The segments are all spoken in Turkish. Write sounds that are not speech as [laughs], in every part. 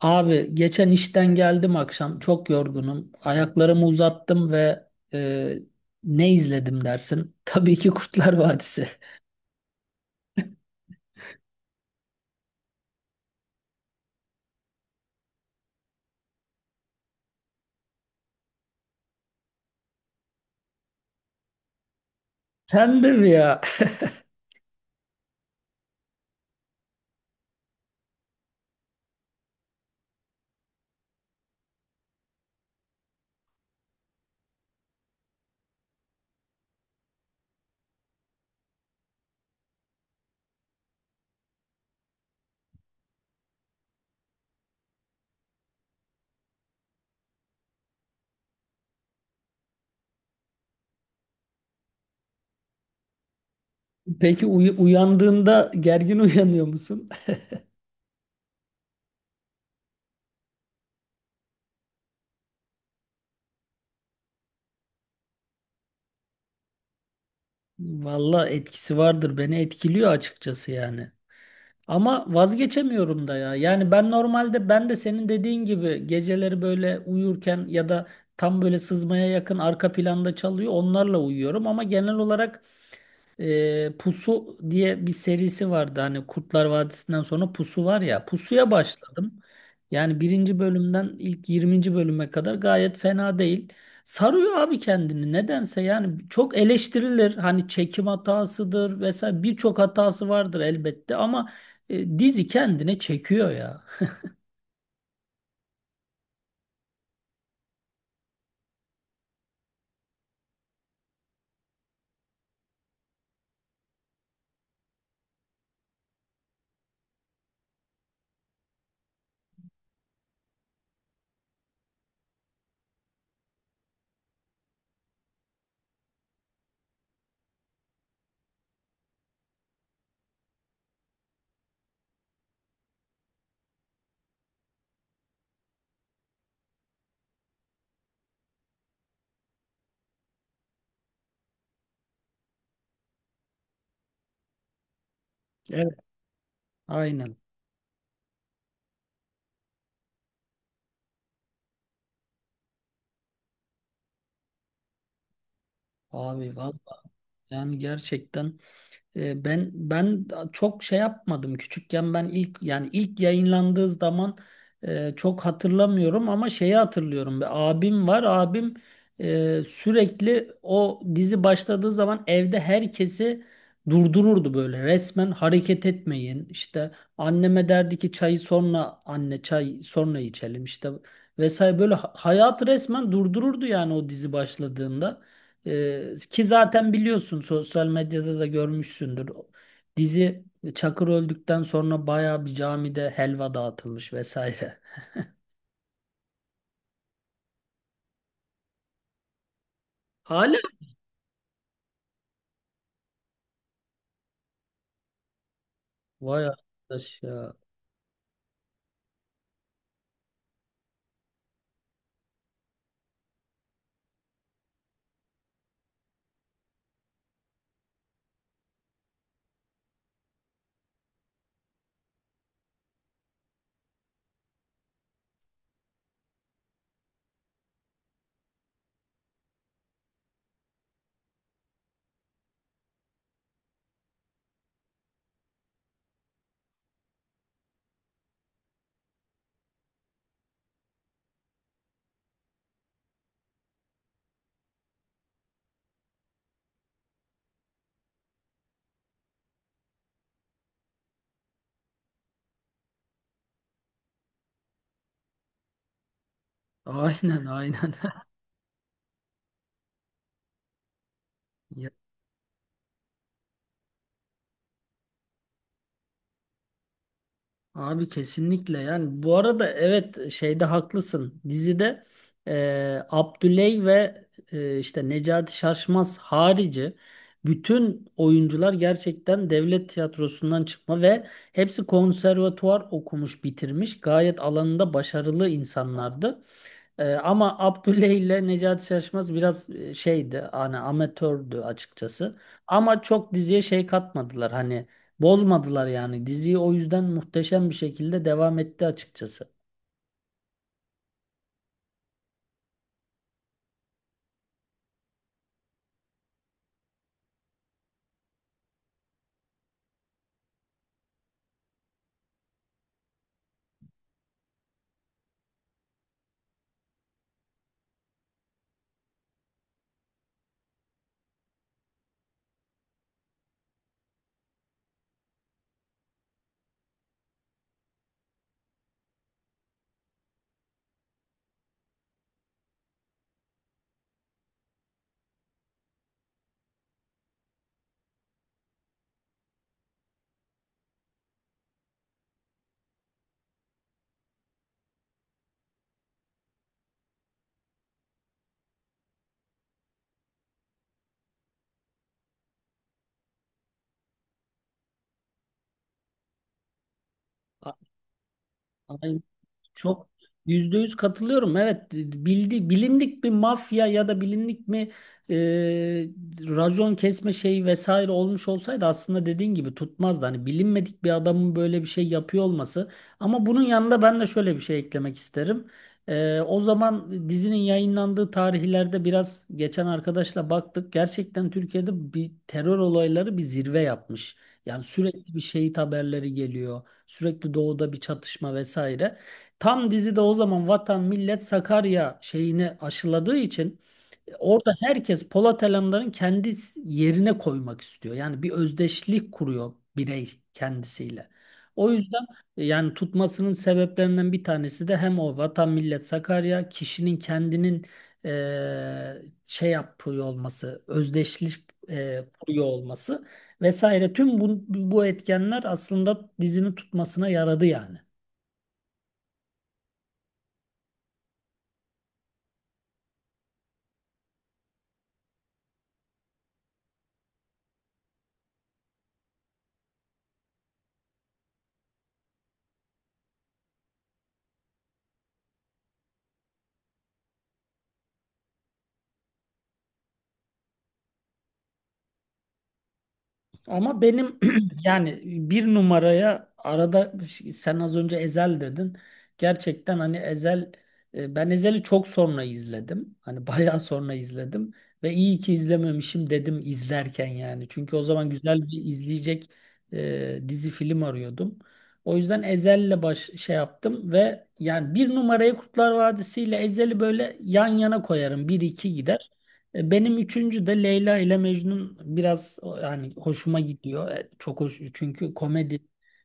Abi geçen işten geldim akşam çok yorgunum. Ayaklarımı uzattım ve e, ne izledim dersin? [laughs] Tabii ki Kurtlar Vadisi. [laughs] Sen de mi ya? [laughs] Peki uyandığında gergin [laughs] uyanıyor musun? Valla etkisi vardır. Beni etkiliyor açıkçası yani. Ama vazgeçemiyorum da ya. Yani ben normalde de senin dediğin gibi geceleri böyle uyurken ya da tam böyle sızmaya yakın arka planda çalıyor onlarla uyuyorum ama genel olarak Pusu diye bir serisi vardı. Hani Kurtlar Vadisi'nden sonra Pusu var ya. Pusu'ya başladım. Yani birinci bölümden ilk yirminci bölüme kadar gayet fena değil. Sarıyor abi kendini nedense yani çok eleştirilir hani çekim hatasıdır vesaire birçok hatası vardır elbette ama dizi kendine çekiyor ya. Evet. Aynen abi vallahi yani gerçekten. Ben çok şey yapmadım küçükken ben ilk yayınlandığı zaman, çok hatırlamıyorum ama şeyi hatırlıyorum. Bir abim var, abim sürekli o dizi başladığı zaman evde herkesi durdururdu, böyle resmen hareket etmeyin işte, anneme derdi ki çayı sonra, anne çay sonra içelim işte, vesaire, böyle hayatı resmen durdururdu yani o dizi başladığında. Ki zaten biliyorsun sosyal medyada da görmüşsündür. Dizi Çakır öldükten sonra bayağı bir camide helva dağıtılmış vesaire. Hala. Vay arkadaş ya. Aynen aynen. [laughs] Abi kesinlikle, yani bu arada evet şeyde haklısın, dizide Abdüley ve, işte Necati Şaşmaz harici bütün oyuncular gerçekten devlet tiyatrosundan çıkma ve hepsi konservatuvar okumuş bitirmiş gayet alanında başarılı insanlardı. Ama Abdülle ile Necati Şaşmaz biraz şeydi, hani amatördü açıkçası. Ama çok diziye şey katmadılar, hani bozmadılar yani diziyi, o yüzden muhteşem bir şekilde devam etti açıkçası. A- Aynen. Çok yüzde yüz katılıyorum. Evet, bilindik bir mafya ya da bilindik mi e, racon kesme şeyi vesaire olmuş olsaydı aslında dediğin gibi tutmazdı. Hani bilinmedik bir adamın böyle bir şey yapıyor olması. Ama bunun yanında ben de şöyle bir şey eklemek isterim. O zaman dizinin yayınlandığı tarihlerde biraz geçen arkadaşla baktık. Gerçekten Türkiye'de bir terör olayları bir zirve yapmış. Yani sürekli bir şehit haberleri geliyor. Sürekli doğuda bir çatışma vesaire. Tam dizide o zaman Vatan Millet Sakarya şeyini aşıladığı için orada herkes Polat Alemdar'ın kendi yerine koymak istiyor. Yani bir özdeşlik kuruyor birey kendisiyle. O yüzden yani tutmasının sebeplerinden bir tanesi de hem o Vatan Millet Sakarya kişinin kendinin eee, şey yapıyor olması, özdeşlik kuruyor olması vesaire. Tüm bu etkenler aslında dizinin tutmasına yaradı yani. Ama benim [clears throat] yani bir numaraya arada, sen az önce Ezel dedin. Gerçekten hani Ezel, ben Ezel'i çok sonra izledim. Hani [laughs] bayağı sonra izledim ve iyi ki izlememişim dedim izlerken yani. Çünkü o zaman güzel bir izleyecek dizi film arıyordum. O yüzden Ezel'le baş şey yaptım ve yani bir numarayı Kurtlar Vadisi ile Ezel'i böyle yan yana koyarım. Bir iki gider. Benim üçüncü de Leyla ile Mecnun biraz yani hoşuma gidiyor. Çok hoş çünkü komedi,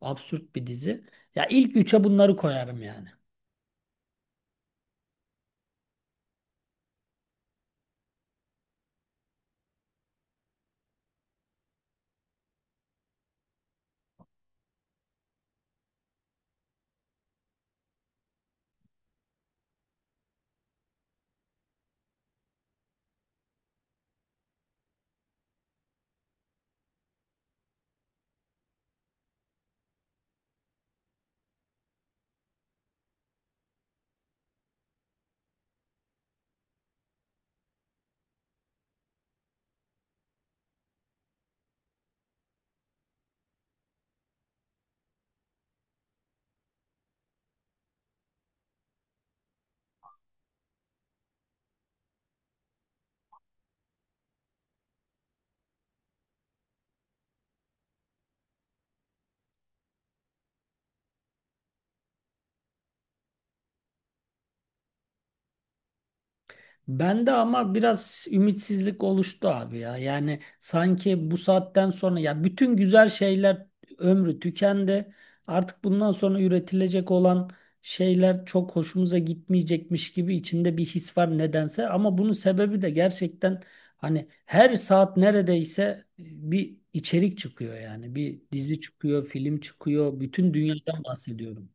absürt bir dizi. Ya ilk üçe bunları koyarım yani. Bende ama biraz ümitsizlik oluştu abi ya. Yani sanki bu saatten sonra ya bütün güzel şeyler ömrü tükendi. Artık bundan sonra üretilecek olan şeyler çok hoşumuza gitmeyecekmiş gibi içinde bir his var nedense. Ama bunun sebebi de gerçekten hani her saat neredeyse e, bir içerik çıkıyor yani. Bir dizi çıkıyor, film çıkıyor. Bütün dünyadan bahsediyorum.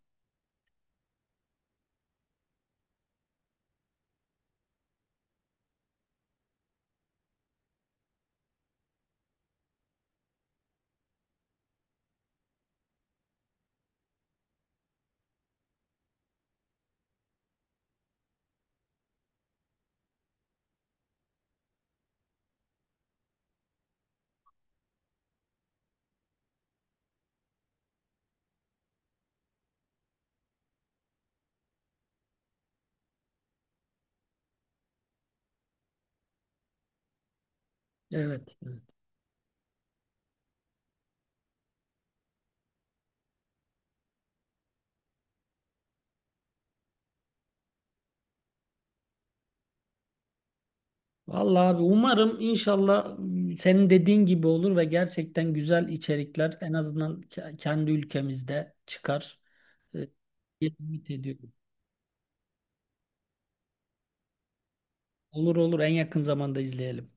Evet, evet. Vallahi abi umarım inşallah, senin dediğin gibi olur ve gerçekten güzel içerikler en azından kendi ülkemizde çıkar. Ee, Ümit ediyorum. Olur, olur, en yakın zamanda izleyelim.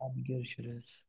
Abi görüşürüz.